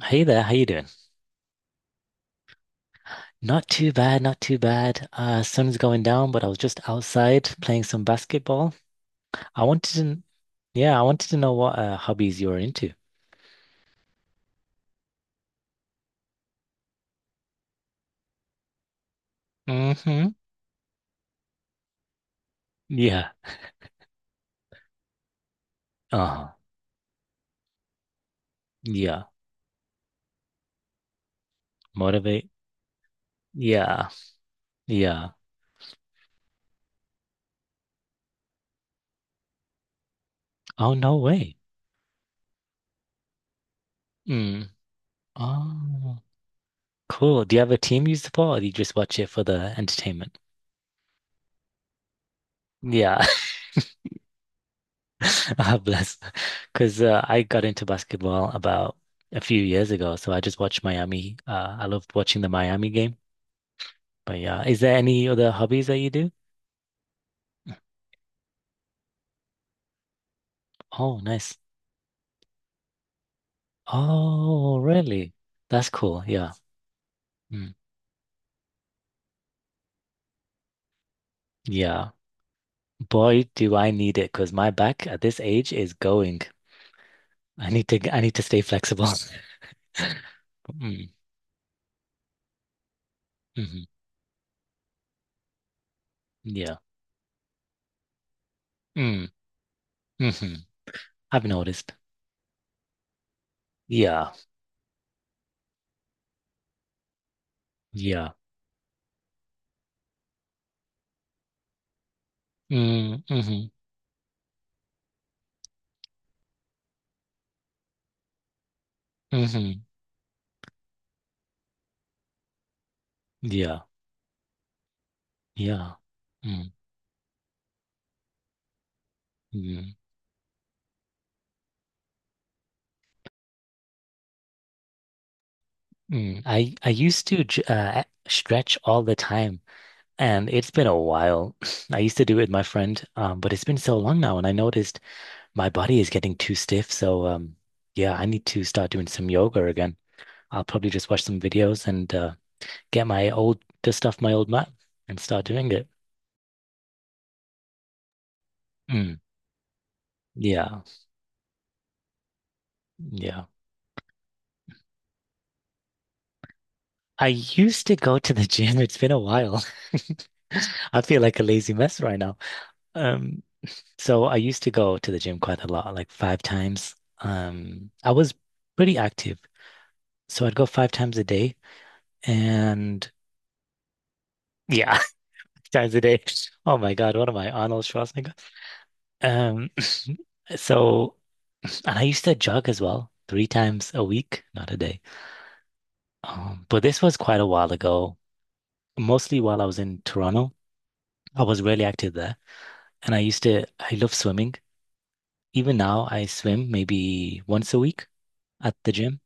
Hey there, how you doing? Not too bad, not too bad. Sun's going down, but I was just outside playing some basketball. I wanted to, yeah, I wanted to know what hobbies you are into. Mm-hmm. Yeah. Uh-huh. Yeah. Motivate. Yeah. Yeah. Oh, no way. Mm. Oh, cool. Do you have a team you support, or do you just watch it for the entertainment? Yeah. Ah, bless. Because I got into basketball about a few years ago, so I just watched Miami. I loved watching the Miami game. But yeah, is there any other hobbies that you do? Oh, nice. Oh, really? That's cool. Yeah. Mm. Yeah. Boy, do I need it because my back at this age is going. I need to stay flexible. Mm, hmm. Yeah. Mm, hmm. I've noticed. Yeah. Yeah. Mm, hmm hmm. Yeah. Yeah. Mm, mm, mm. I used to stretch all the time, and it's been a while. I used to do it with my friend, but it's been so long now, and I noticed my body is getting too stiff. So, yeah, I need to start doing some yoga again. I'll probably just watch some videos and get my old dust off my old mat and start doing it. Mm, yeah, yeah. I used to go to the gym. It's been a while. I feel like a lazy mess right now. Um, So I used to go to the gym quite a lot, like five times. I was pretty active. So I'd go five times a day and yeah, times a day. Oh my God, what am I, Arnold Schwarzenegger? Um, so and I used to jog as well, three times a week, not a day. But this was quite a while ago, mostly while I was in Toronto. I was really active there. And I used to, I love swimming. Even now, I swim maybe once a week at the gym.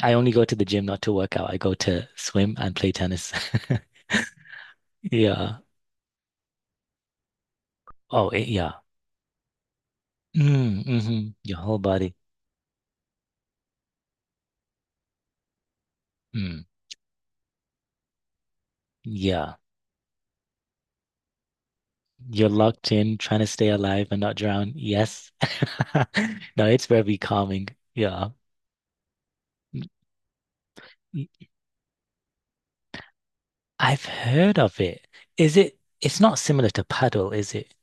I only go to the gym not to work out. I go to swim and play tennis. Yeah. Oh, eh, yeah. Mm, hmm. Your whole body. Mm, yeah. You're locked in, trying to stay alive and not drown. Yes. No, it's very calming. Yeah. Mm, mm. I've heard of it. Is it? It's not similar to paddle, is it?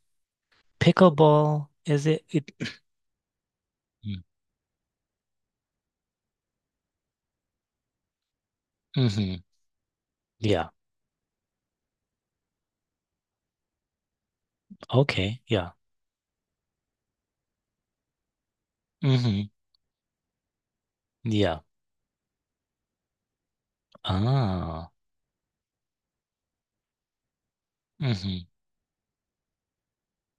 Pickleball, is it? It. Mm-hmm. Yeah. Okay. Yeah. Mm-hmm. Yeah. Ah. Mm-hmm.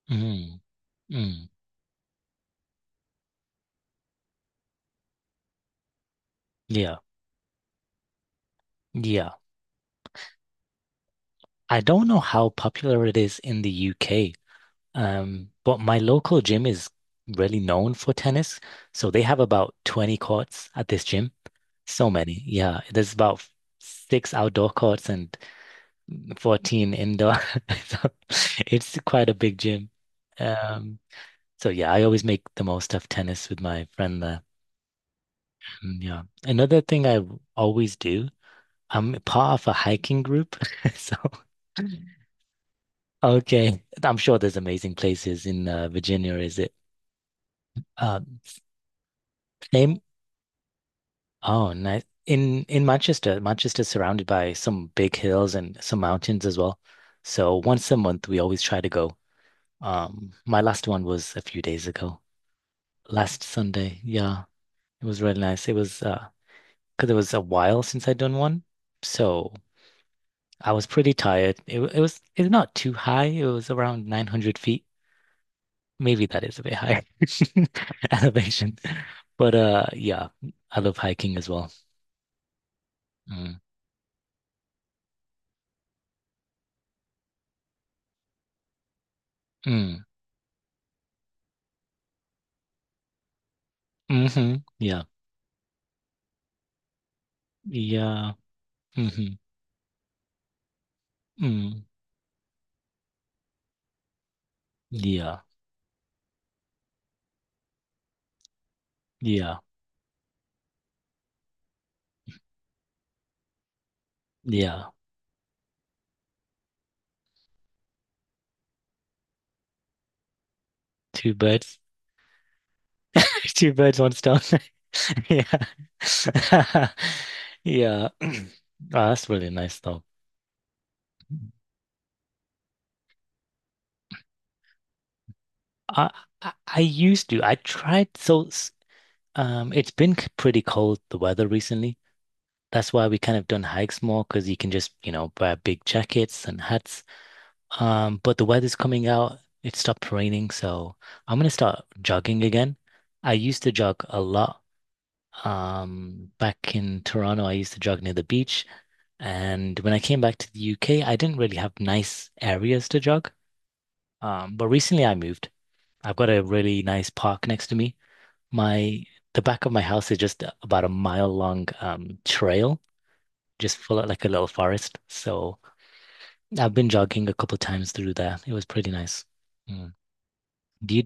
Mm-hmm. Mm. Yeah. Yeah. I don't know how popular it is in the UK, but my local gym is really known for tennis. So they have about 20 courts at this gym. So many. Yeah. There's about six outdoor courts and 14 indoor. So it's quite a big gym. Um, so yeah, I always make the most of tennis with my friend there. Mm. Yeah. Another thing always do, I'm part of a hiking group. So okay. I'm sure there's amazing places in Virginia, is it? Uh, same. Oh, nice. In Manchester, Manchester's surrounded by some big hills and some mountains as well. So once a month, we always try to go. My last one was a few days ago, last Sunday. Yeah, it was really nice. It was because it was a while since I'd done one, so I was pretty tired. It's not too high. It was around 900 feet. Maybe that is a bit high elevation. But yeah, I love hiking as well. Mm. Mm. Hmm. Yeah. Yeah. Hmm. Mm. Yeah. Yeah. Yeah. Two birds. Two birds, one stone. Yeah. Yeah. Oh, that's really nice though. I, I used to. I tried so s- Um, it's been pretty cold the weather recently. That's why we kind of done hikes more because you can just, you know, wear big jackets and hats. But the weather's coming out. It stopped raining, so I'm gonna start jogging again. I used to jog a lot. Back in Toronto, I used to jog near the beach, and when I came back to the UK, I didn't really have nice areas to jog. But recently I moved. I've got a really nice park next to me. My The back of my house is just about a mile long trail, just full of like a little forest. So I've been jogging a couple times through there. It was pretty nice. Mm. Do you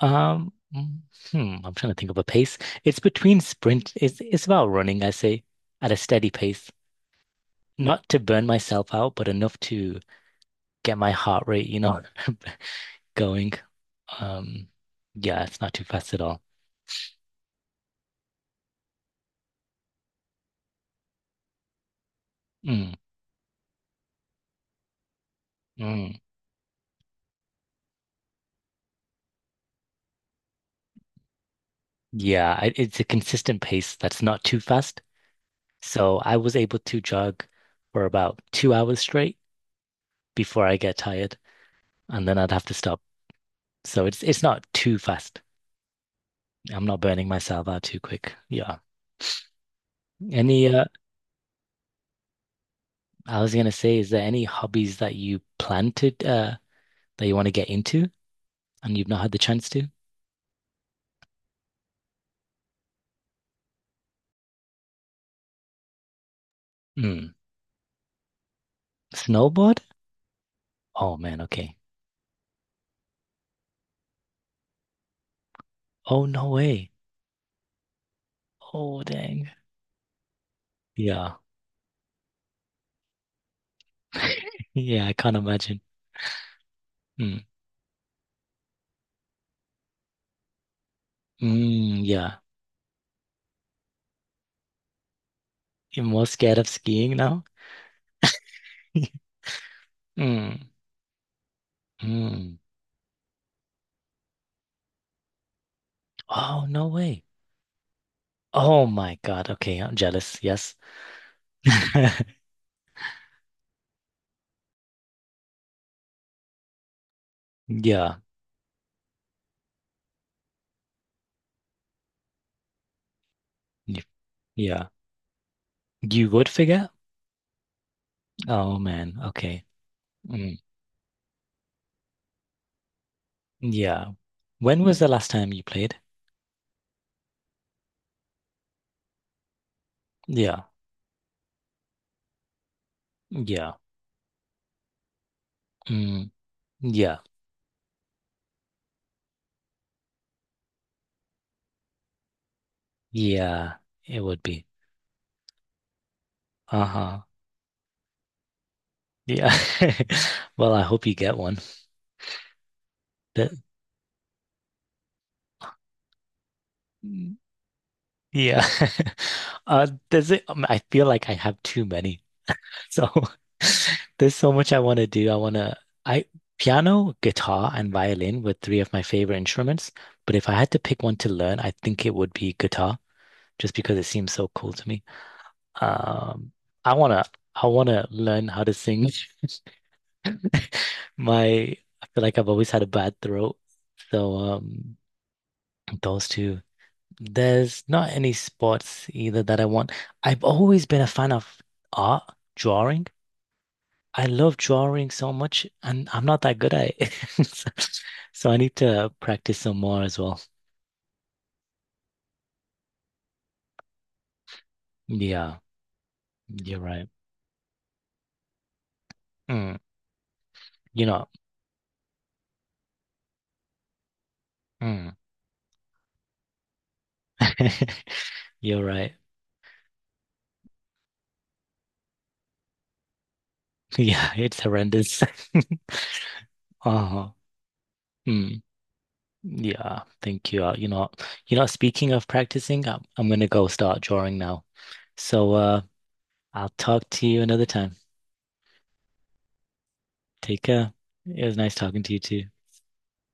Um, mm, I'm trying to think of a pace. It's between sprint. It's about running, I say, at a steady pace, not to burn myself out, but enough to get my heart rate, you know, going. Um, yeah, it's not too fast at all. Mm, mm. Yeah, I, it's a consistent pace that's not too fast. So I was able to jog for about 2 hours straight before I get tired, and then I'd have to stop. So it's not too fast. I'm not burning myself out too quick. Yeah. Any I was gonna say, is there any hobbies that you plan to that you want to get into and you've not had the chance to? Hmm. Snowboard? Oh man, okay. Oh no way. Oh dang. Yeah. Yeah, I can't imagine. Mm. Mm, yeah. You're more scared of skiing now? Mm. Mm. Oh no way. Oh my God. Okay, I'm jealous. Yes. Yeah. You- Yeah. You would figure? Oh man. Okay. Hmm. Yeah. When was the last time you played? Yeah. Yeah. Mm. Yeah. Yeah. It would be. Uh-huh. Yeah. Well, I hope you get one. That, yeah. I feel like I have too many. So there's so much I want to do. I want to, I, Piano, guitar, and violin were three of my favorite instruments. But if I had to pick one to learn, I think it would be guitar, just because it seems so cool to me. Um, I wanna I wanna learn how to sing. My I feel like I've always had a bad throat. So those two. There's not any sports either that I want. I've always been a fan of art, drawing. I love drawing so much and I'm not that good at it. So, so I need to practice some more as well. Yeah, you're right. Mm, you know, mm. You're right. Yeah, it's horrendous. Uh-huh. Mm. Yeah, thank you. You know, speaking of practicing, I'm gonna go start drawing now. So, I'll talk to you another time. Take care. It was nice talking to you too.